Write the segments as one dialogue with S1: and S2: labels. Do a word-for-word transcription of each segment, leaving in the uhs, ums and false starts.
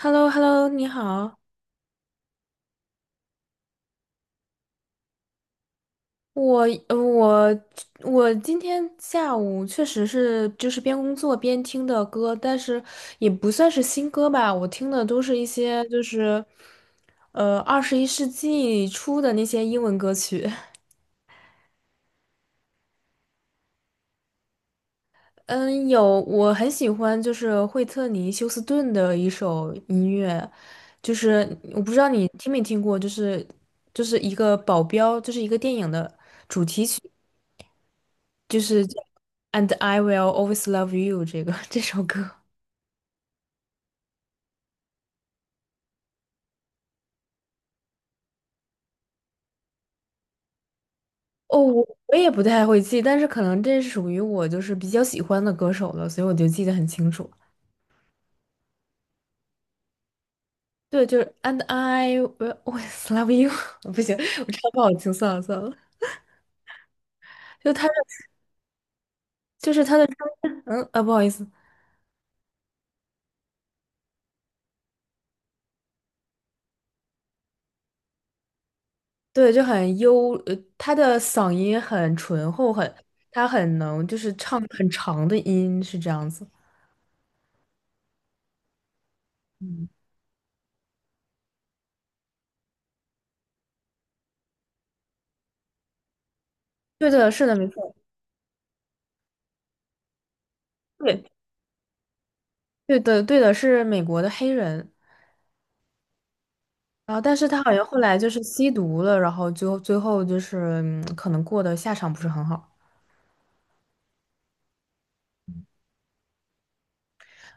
S1: h e l l o h e l l o 你好，我呃我我今天下午确实是就是边工作边听的歌，但是也不算是新歌吧，我听的都是一些就是呃二十一世纪初的那些英文歌曲。嗯，有我很喜欢就是惠特尼休斯顿的一首音乐，就是我不知道你听没听过，就是就是一个保镖，就是一个电影的。主题曲。就是这 "And I will always love you" 这个这首歌。哦，我我也不太会记，但是可能这是属于我就是比较喜欢的歌手了，所以我就记得很清楚。对，就是 "And I will always love you" 不行，我唱不好听，算了算了。就他的，就是他的声音，嗯啊，不好意思，对，就很优，呃，他的嗓音很醇厚，很，他很能就是唱很长的音，是这样子。嗯，对的，是的，没错，对，对的，对的，是美国的黑人。然后，但是他好像后来就是吸毒了，然后就最后就是嗯可能过的下场不是很好。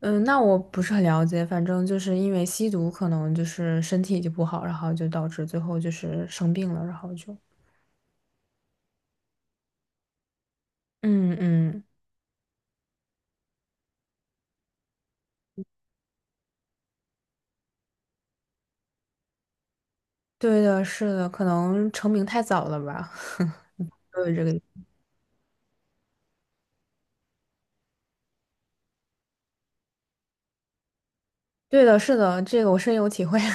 S1: 嗯，那我不是很了解，反正就是因为吸毒，可能就是身体就不好，然后就导致最后就是生病了，然后就嗯嗯，对的，是的，可能成名太早了吧，都有这个，对的，是的，这个我深有体会。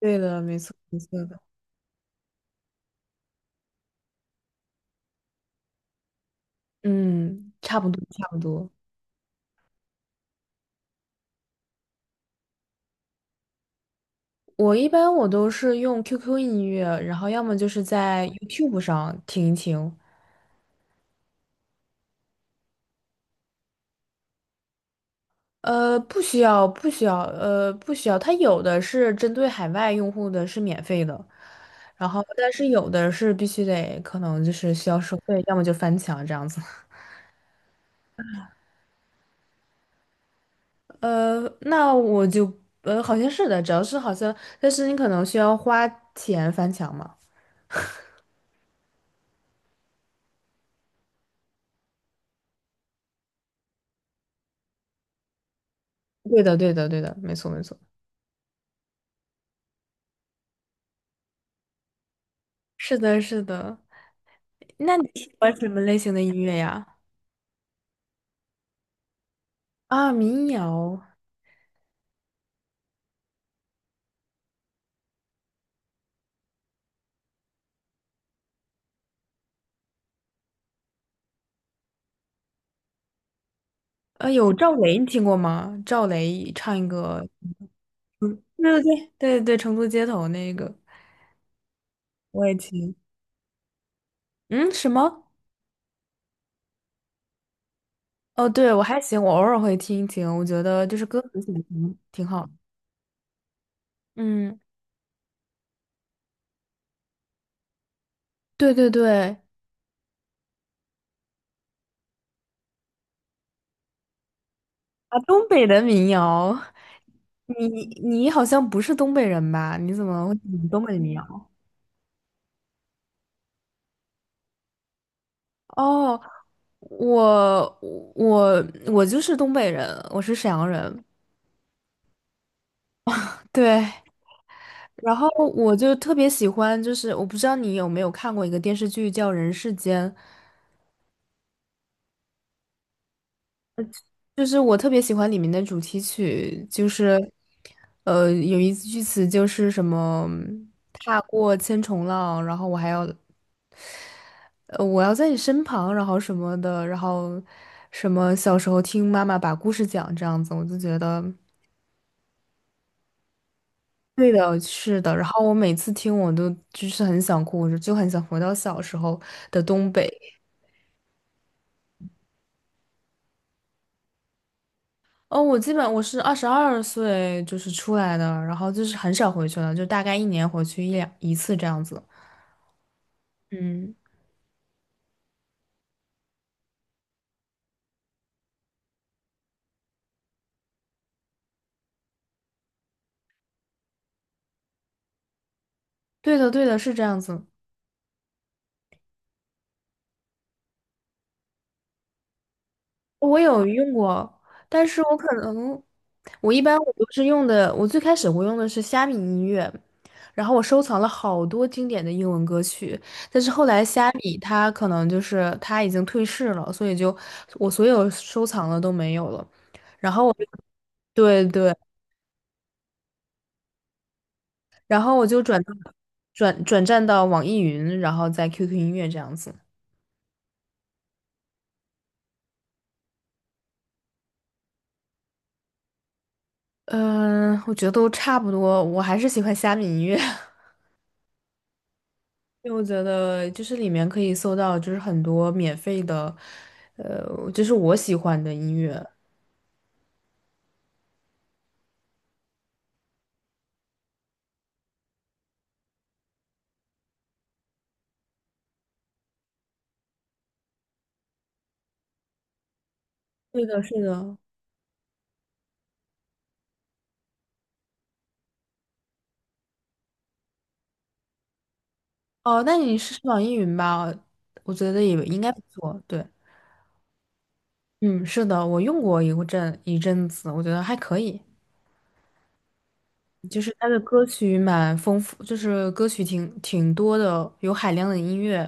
S1: 对的，没错，没错的，嗯，差不多，差不多。我一般我都是用 Q Q 音乐，然后要么就是在 YouTube 上听一听，呃，不需要，不需要，呃，不需要。它有的是针对海外用户的，是免费的，然后但是有的是必须得，可能就是需要收费，要么就翻墙这样子。呃，那我就，呃，好像是的，只要是好像，但是你可能需要花钱翻墙嘛。对的，对的，对的，没错，没错。是的，是的。那你喜欢什么类型的音乐呀？啊，民谣，呃，有赵雷，你听过吗？赵雷唱一个。嗯，对对对对对，成都街头那个我也听。嗯，什么？哦，对，我还行，我偶尔会听一听，我觉得就是歌词写的挺挺好的。嗯，对对对，啊，东北的民谣，你你好像不是东北人吧？你怎么会听东北的民谣？哦，我我我就是东北人，我是沈阳人。对，然后我就特别喜欢，就是我不知道你有没有看过一个电视剧叫《人世间》。就是我特别喜欢里面的主题曲，就是，呃，有一句词就是什么“踏过千重浪”，然后我还要，呃，我要在你身旁，然后什么的，然后什么小时候听妈妈把故事讲这样子，我就觉得对的，是的。然后我每次听我都就是很想哭，我就就很想回到小时候的东北。哦，我基本我是二十二岁就是出来的，然后就是很少回去了，就大概一年回去一两一次这样子。嗯。对的，对的，是这样子。我有用过，但是我可能，我一般我都是用的，我最开始我用的是虾米音乐，然后我收藏了好多经典的英文歌曲，但是后来虾米它可能就是它已经退市了，所以就我所有收藏的都没有了。然后我就对对，然后我就转到转转战到网易云，然后在 Q Q 音乐这样子。嗯，我觉得都差不多，我还是喜欢虾米音乐。因为我觉得就是里面可以搜到，就是很多免费的，呃，就是我喜欢的音乐。是的，是的。哦，那你试试网易云吧，我觉得也应该不错。对，嗯，是的，我用过一个阵一阵子，我觉得还可以。就是它的歌曲蛮丰富，就是歌曲挺挺多的，有海量的音乐，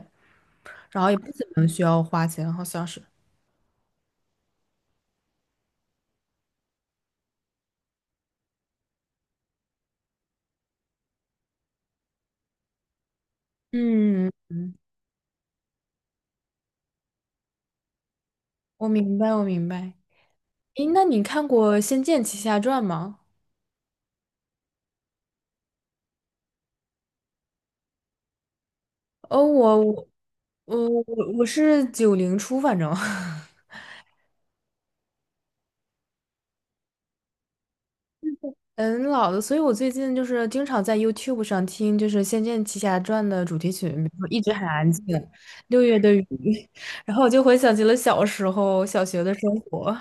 S1: 然后也不怎么需要花钱，好像是。嗯嗯，嗯我明白，我明白。诶，那你看过《仙剑奇侠传》吗？哦，我我我我我是九零初，反正 嗯老的，所以我最近就是经常在 YouTube 上听就是《仙剑奇侠传》的主题曲，比如说一直很安静，六月的雨，然后我就回想起了小时候小学的生活。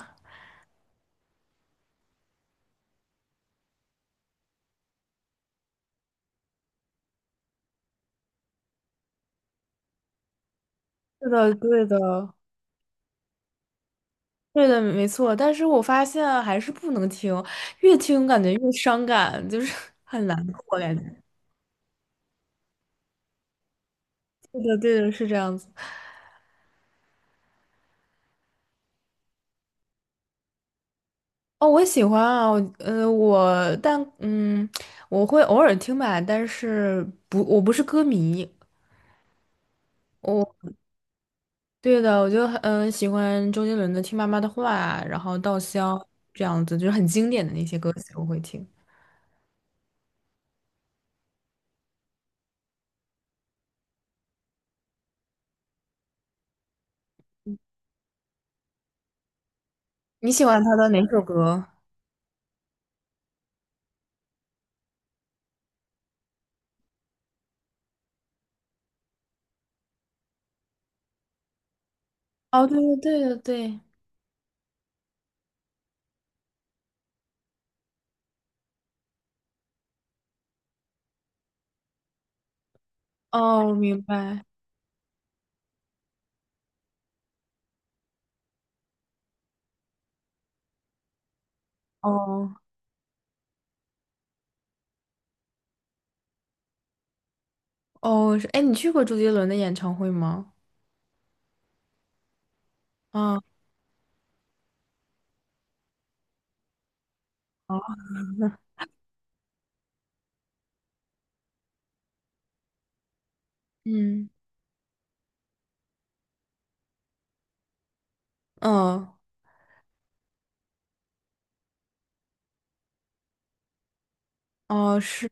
S1: 是的，对的，对的，没错。但是我发现啊还是不能听，越听感觉越伤感，就是 很难过感觉。对的，对的，是这样子。哦，我喜欢啊，我呃，我但嗯，我会偶尔听吧，但是不，我不是歌迷。我对的，我就嗯、呃喜欢周杰伦的《听妈妈的话啊》，然后《稻香》这样子，就是很经典的那些歌曲我会听。你喜欢他的哪首歌？哦，对对对对对，哦，我明白。哦哦，是，哎，你去过周杰伦的演唱会吗？啊，哦嗯嗯哦哦，是。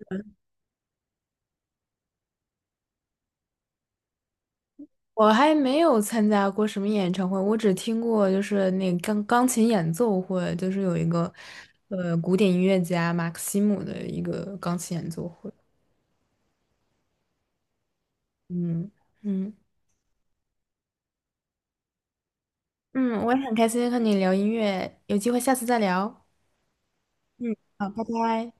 S1: 我还没有参加过什么演唱会，我只听过就是那个钢钢琴演奏会，就是有一个呃古典音乐家马克西姆的一个钢琴演奏会。嗯嗯嗯，我也很开心和你聊音乐，有机会下次再聊。嗯，好，拜拜。